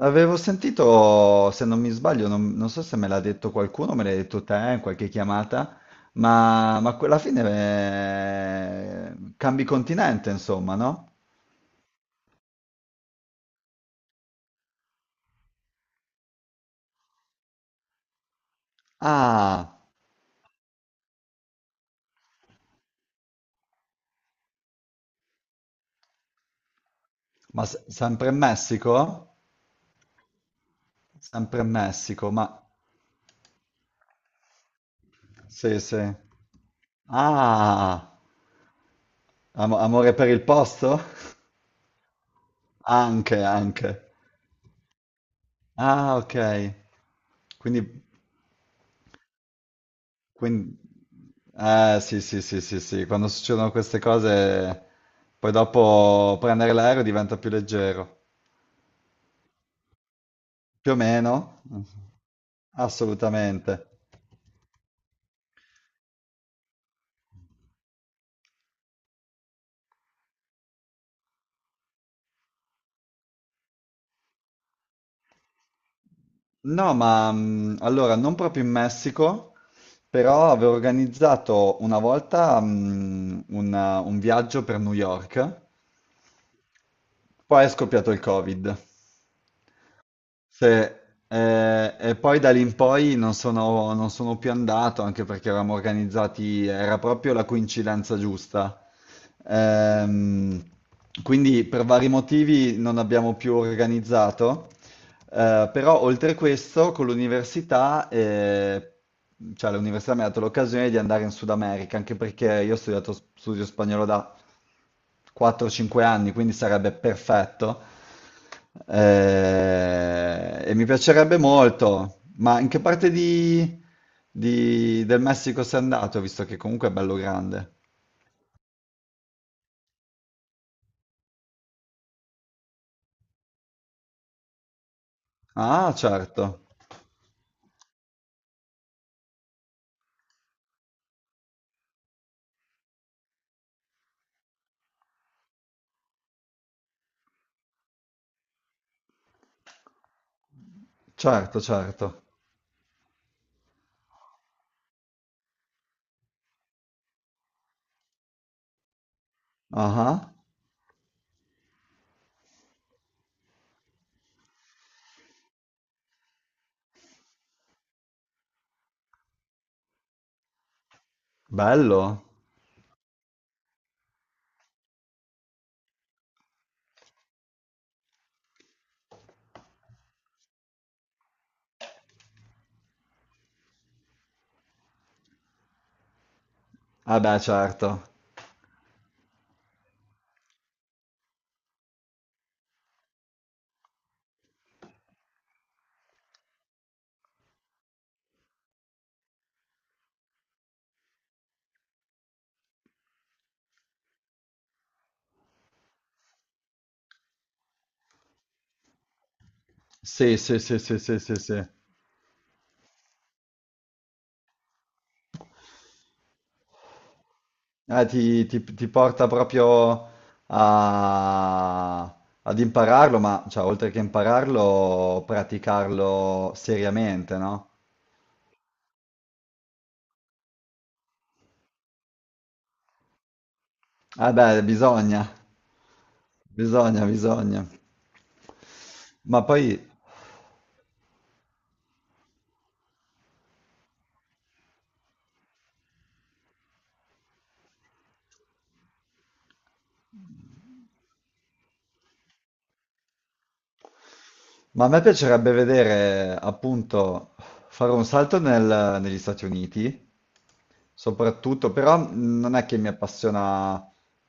Avevo sentito, se non mi sbaglio, non so se me l'ha detto qualcuno, me l'hai detto te in qualche chiamata, ma alla fine cambi continente, insomma, no? Ah, ma sempre in Messico? Sempre in Messico, ma sì, sì. Ah, amore per il posto? Anche, anche. Ah, ok. Quindi. Quindi, sì, sì, sì, sì, sì, quando succedono queste cose, poi dopo prendere l'aereo diventa più leggero, più o meno, assolutamente. No, ma allora non proprio in Messico, però avevo organizzato una volta un viaggio per New York, poi è scoppiato il Covid. Sì, e poi da lì in poi non sono più andato, anche perché eravamo organizzati, era proprio la coincidenza giusta. Ehm, quindi per vari motivi non abbiamo più organizzato, però oltre questo, con l'università, cioè l'università mi ha dato l'occasione di andare in Sud America, anche perché io ho studiato studio spagnolo da 4-5 anni, quindi sarebbe perfetto. E mi piacerebbe molto. Ma in che parte del Messico sei andato, visto che comunque è bello grande? Ah, certo. Ah, bello. Ah beh, certo. Sì, sì, sì, sì, sì, sì, sì. Ah, ti porta proprio a- ad impararlo, ma cioè, oltre che impararlo, praticarlo seriamente, no? Ah beh, bisogna. Ma poi, ma a me piacerebbe vedere, appunto, fare un salto negli Stati Uniti soprattutto, però non è che mi appassiona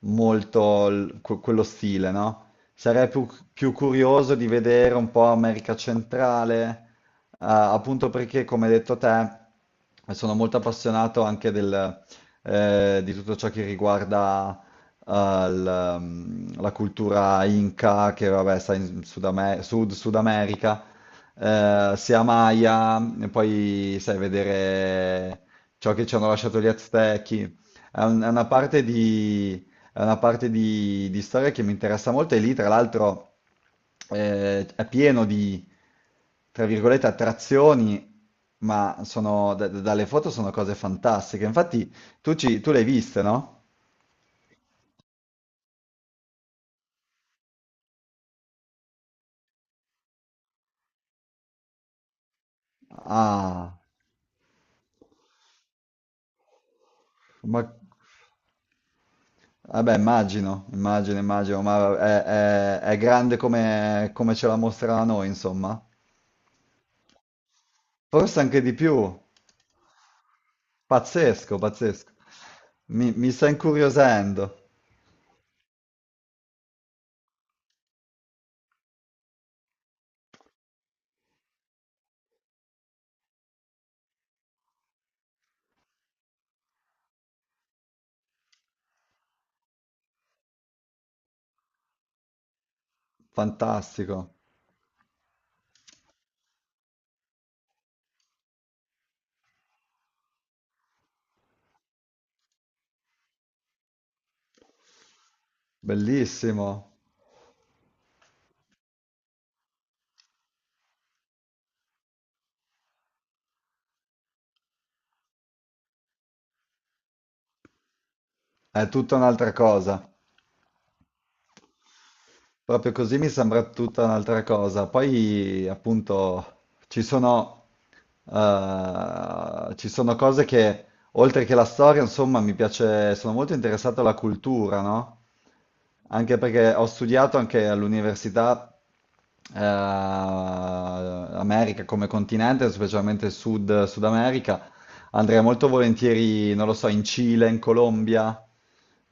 molto quello stile, no? Più curioso di vedere un po' America Centrale, appunto perché, come hai detto te, sono molto appassionato anche di tutto ciò che riguarda eh, il, la cultura Inca, che vabbè, sta in Sud America, sia Maya, e poi sai vedere ciò che ci hanno lasciato gli Aztechi. È una è una parte di storia che mi interessa molto e lì, tra l'altro, è pieno di, tra virgolette, attrazioni, ma dalle foto sono cose fantastiche. Infatti, tu le hai viste, no? Ah, ma... Vabbè, immagino, ma è grande come, come ce la mostra a noi, insomma. Forse anche di più. Pazzesco, pazzesco. Mi sta incuriosendo. Fantastico, bellissimo. È tutta un'altra cosa. Proprio così mi sembra tutta un'altra cosa. Poi, appunto, ci sono cose che, oltre che la storia, insomma, mi piace, sono molto interessato alla cultura, no? Anche perché ho studiato anche all'università America come continente, specialmente il Sud America. Andrei molto volentieri, non lo so, in Cile, in Colombia.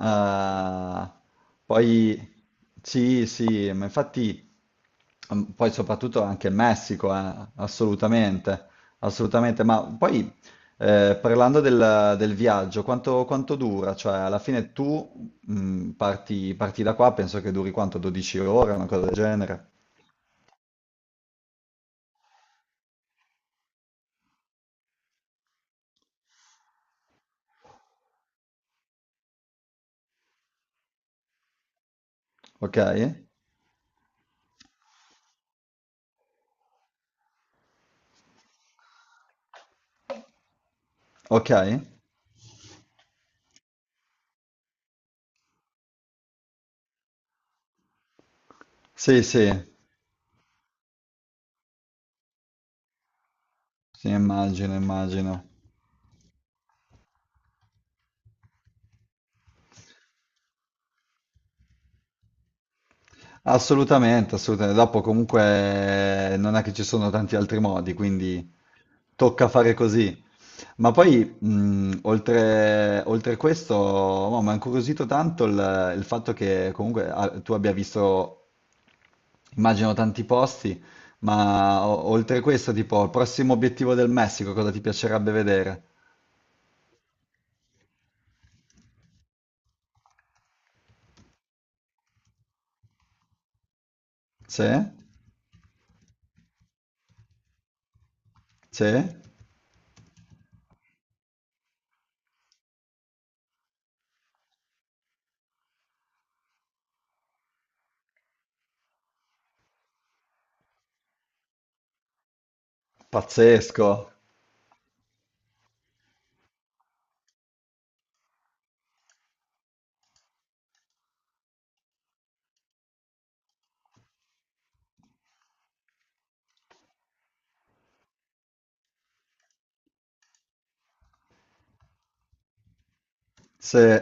eh, poi sì, sì, ma infatti poi soprattutto anche il Messico, assolutamente, assolutamente. Ma poi parlando del viaggio, quanto dura? Cioè, alla fine tu parti da qua, penso che duri quanto? 12 ore, una cosa del genere. Ok? Ok? Sì, sì, sì, immagino. Assolutamente, assolutamente. Dopo comunque non è che ci sono tanti altri modi, quindi tocca fare così. Ma poi, oltre questo, no, mi ha incuriosito tanto il fatto che comunque ah, tu abbia visto, immagino, tanti posti, ma oltre questo, tipo, il prossimo obiettivo del Messico, cosa ti piacerebbe vedere? Sì? Sì? Pazzesco! Sì.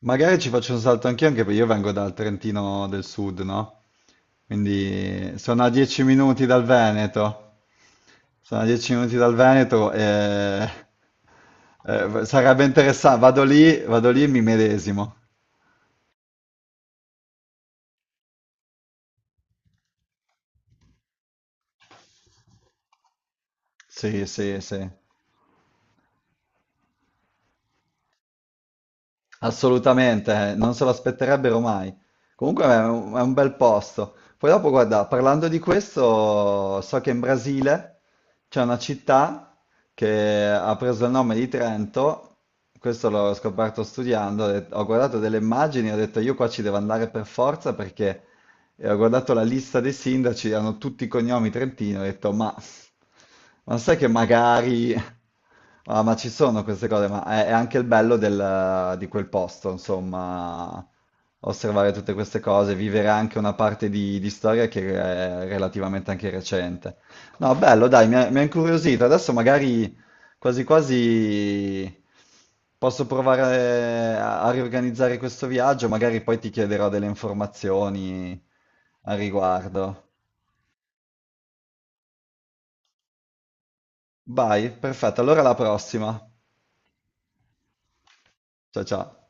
Magari ci faccio un salto anch'io, anche perché io vengo dal Trentino del Sud, no? Quindi sono a 10 minuti dal Veneto. Sono a 10 minuti dal Veneto e sarebbe interessante. Vado lì e mi medesimo. Sì, sì, sì. Assolutamente, non se lo aspetterebbero mai. Comunque è è un bel posto. Poi dopo, guarda, parlando di questo, so che in Brasile c'è una città che ha preso il nome di Trento, questo l'ho scoperto studiando, ho guardato delle immagini e ho detto io qua ci devo andare per forza perché e ho guardato la lista dei sindaci, hanno tutti i cognomi trentini, ho detto, ma sai che magari... Ah, ma ci sono queste cose, ma è anche il bello di quel posto, insomma, osservare tutte queste cose, vivere anche una parte di storia che è relativamente anche recente. No, bello, dai, mi ha incuriosito. Adesso magari quasi quasi posso provare a riorganizzare questo viaggio, magari poi ti chiederò delle informazioni a riguardo. Vai, perfetto, allora alla prossima. Ciao ciao.